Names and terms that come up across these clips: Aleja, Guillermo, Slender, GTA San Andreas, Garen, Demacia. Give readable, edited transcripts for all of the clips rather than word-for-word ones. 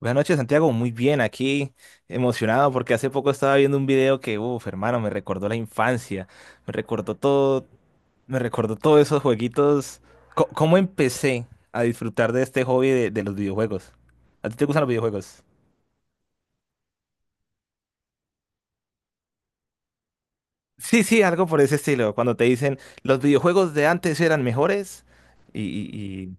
Buenas noches, Santiago. Muy bien, aquí emocionado porque hace poco estaba viendo un video que, uff, hermano, me recordó la infancia, me recordó todo, me recordó todos esos jueguitos. ¿Cómo empecé a disfrutar de este hobby de los videojuegos? ¿A ti te gustan los videojuegos? Sí, sí, algo por ese estilo. Cuando te dicen los videojuegos de antes eran mejores y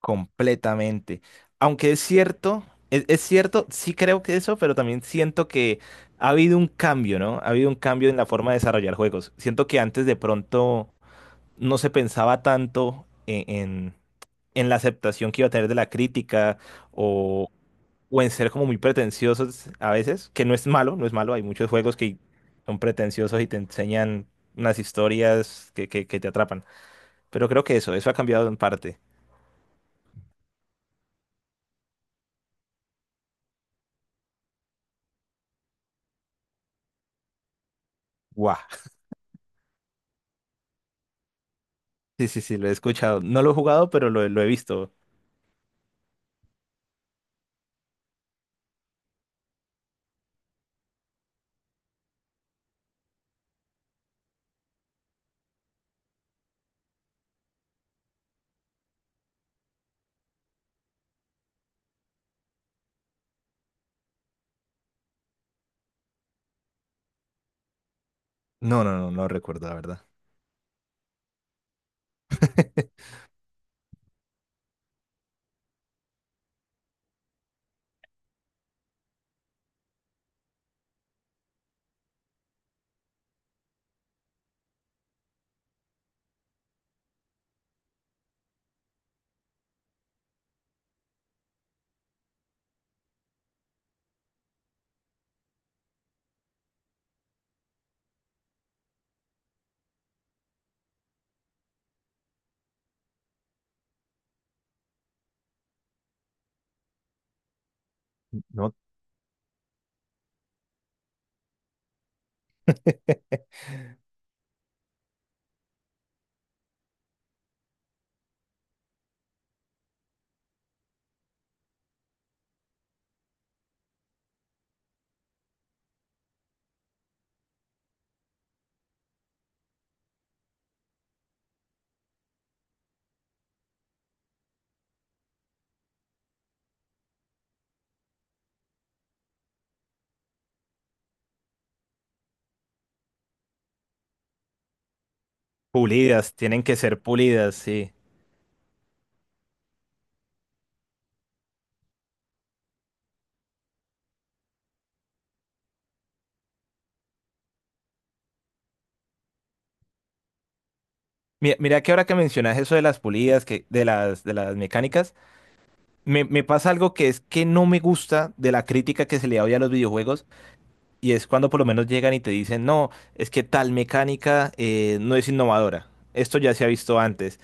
completamente. Aunque es cierto, es cierto, sí creo que eso, pero también siento que ha habido un cambio, ¿no? Ha habido un cambio en la forma de desarrollar juegos. Siento que antes de pronto no se pensaba tanto en en la aceptación que iba a tener de la crítica o, o en ser como muy pretenciosos a veces, que no es malo, no es malo. Hay muchos juegos que son pretenciosos y te enseñan unas historias que, que te atrapan. Pero creo que eso ha cambiado en parte. ¡Guau! Sí, sí, sí, lo he escuchado. No lo he jugado, pero lo he visto. No, no, no, no recuerdo, la verdad. No. Pulidas, tienen que ser pulidas, sí. Mira, mira que ahora que mencionas eso de las pulidas, que, de las mecánicas, me pasa algo que es que no me gusta de la crítica que se le da hoy a los videojuegos, y es cuando por lo menos llegan y te dicen, no, es que tal mecánica no es innovadora. Esto ya se ha visto antes.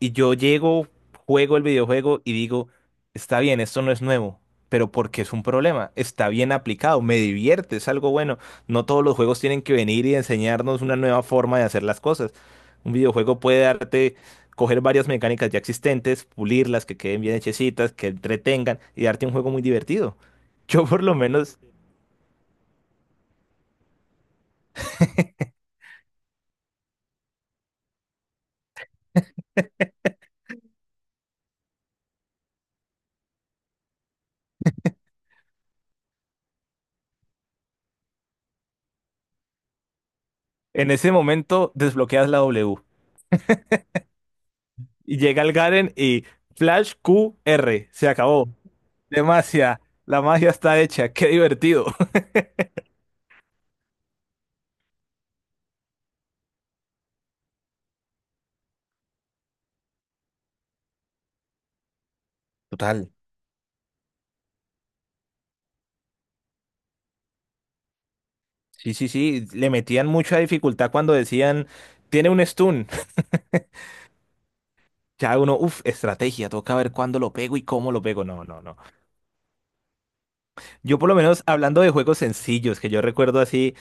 Y yo llego, juego el videojuego y digo, está bien, esto no es nuevo, pero porque es un problema, está bien aplicado, me divierte, es algo bueno. No todos los juegos tienen que venir y enseñarnos una nueva forma de hacer las cosas. Un videojuego puede darte, coger varias mecánicas ya existentes, pulirlas, que queden bien hechecitas, que entretengan y darte un juego muy divertido. Yo por lo menos en ese momento desbloqueas la W y llega el Garen y Flash Q R se acabó. Demacia, la magia está hecha, qué divertido. Total. Sí, sí, sí, le metían mucha dificultad cuando decían, tiene un stun. Ya uno, uff, estrategia, toca ver cuándo lo pego y cómo lo pego. No, no, no. Yo por lo menos hablando de juegos sencillos, que yo recuerdo así,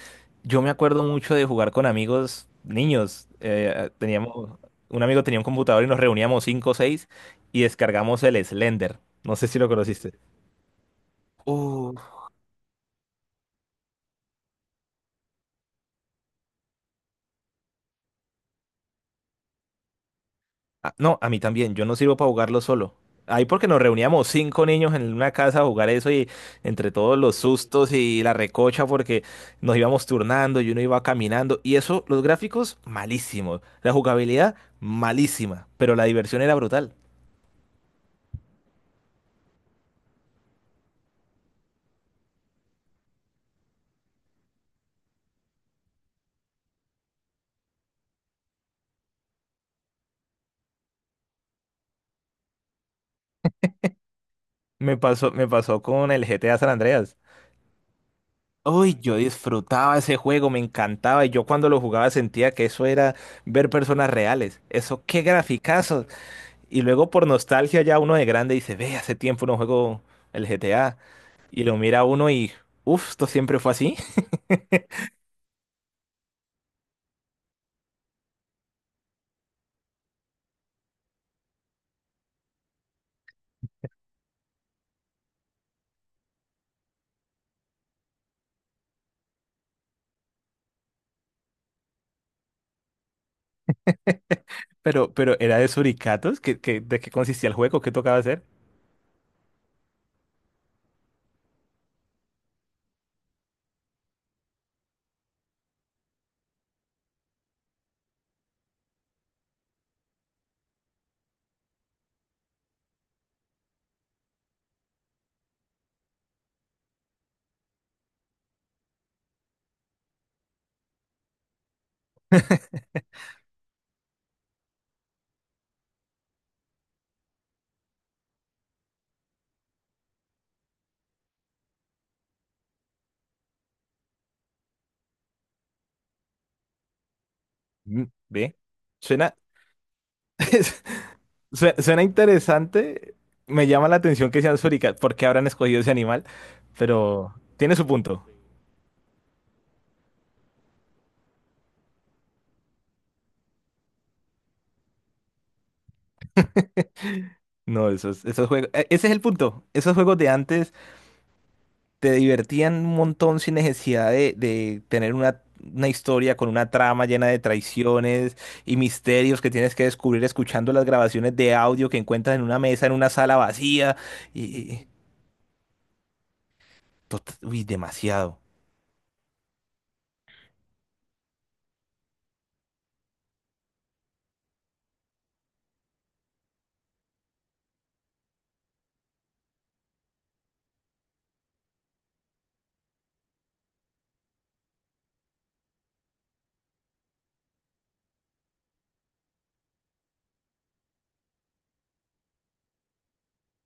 yo me acuerdo mucho de jugar con amigos niños. Teníamos, un amigo tenía un computador y nos reuníamos cinco o seis y descargamos el Slender. No sé si lo conociste. Ah, no, a mí también, yo no sirvo para jugarlo solo. Ahí porque nos reuníamos cinco niños en una casa a jugar eso y entre todos los sustos y la recocha porque nos íbamos turnando y uno iba caminando y eso, los gráficos malísimos, la jugabilidad malísima, pero la diversión era brutal. Me pasó con el GTA San Andreas. Uy, yo disfrutaba ese juego, me encantaba y yo cuando lo jugaba sentía que eso era ver personas reales. Eso, qué graficazo. Y luego por nostalgia ya uno de grande dice, ve, hace tiempo no juego el GTA. Y lo mira uno y, uff, esto siempre fue así. Pero era de suricatos. ¿Qué, de qué consistía el juego? ¿Qué tocaba hacer? Mm, ve, suena, suena interesante. Me llama la atención que sean suricatos. ¿Por qué habrán escogido ese animal? Pero tiene su punto. No, esos, esos juegos. Ese es el punto. Esos juegos de antes te divertían un montón sin necesidad de tener una historia con una trama llena de traiciones y misterios que tienes que descubrir escuchando las grabaciones de audio que encuentras en una mesa, en una sala vacía. Y, y- uy, demasiado.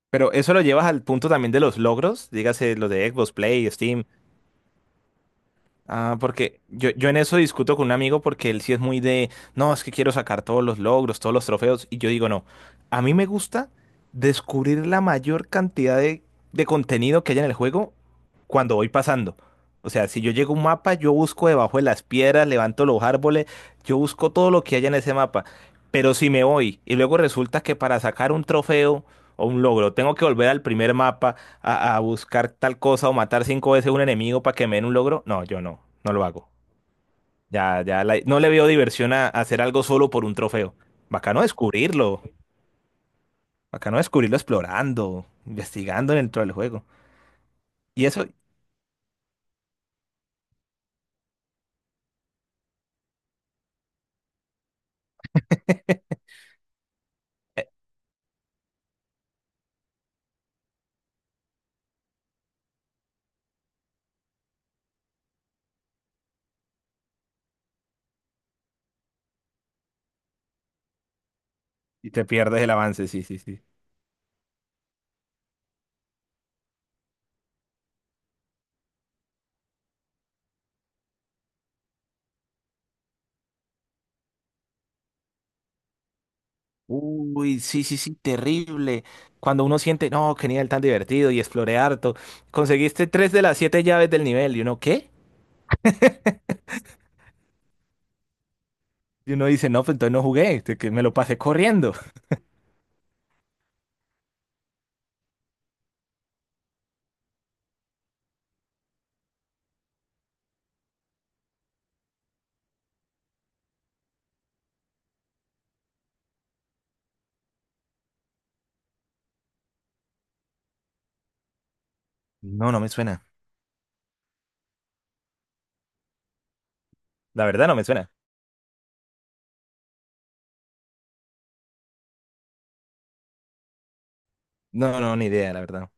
Pero eso lo llevas al punto también de los logros, dígase los de Xbox Play, Steam. Ah, porque yo en eso discuto con un amigo porque él sí es muy de, no, es que quiero sacar todos los logros, todos los trofeos. Y yo digo, no, a mí me gusta descubrir la mayor cantidad de contenido que haya en el juego cuando voy pasando. O sea, si yo llego a un mapa, yo busco debajo de las piedras, levanto los árboles, yo busco todo lo que haya en ese mapa. Pero si me voy y luego resulta que para sacar un trofeo o un logro tengo que volver al primer mapa a buscar tal cosa o matar cinco veces un enemigo para que me den un logro, no, yo no, no lo hago. Ya, ya, no le veo diversión a hacer algo solo por un trofeo. Bacano descubrirlo, bacano descubrirlo explorando, investigando dentro del juego. Y eso, eh, y te pierdes el avance, sí, sí, sí. Uy, sí, sí, sí, terrible. Cuando uno siente, no, qué nivel tan divertido y exploré harto. Conseguiste tres de las siete llaves del nivel. ¿Y uno qué? Y uno dice, no, pues entonces no jugué, que me lo pasé corriendo. No, no me suena. La verdad no me suena. No, no, ni idea, la verdad.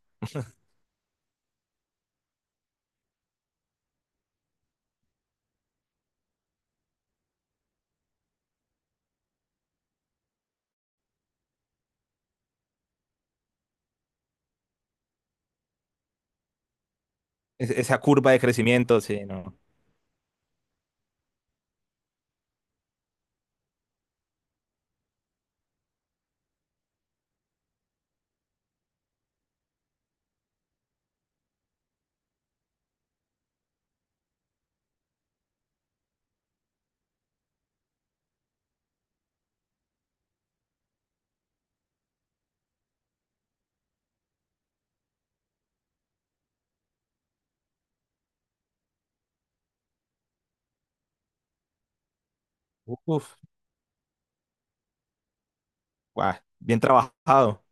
Es- esa curva de crecimiento, sí, no. Uf, guau, bien trabajado.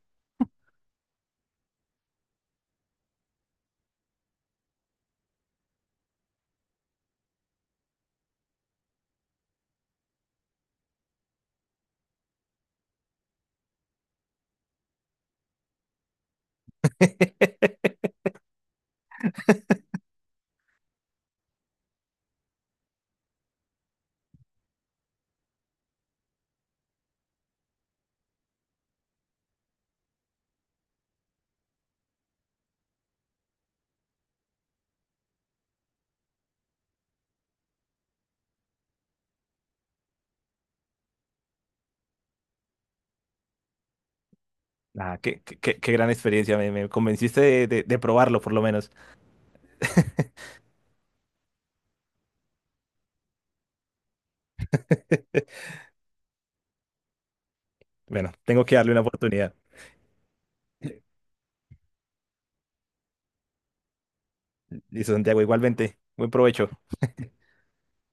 Ah, qué, qué, qué gran experiencia, me convenciste de, de probarlo por lo menos. Bueno, tengo que darle una oportunidad. Listo, Santiago, igualmente. Buen provecho.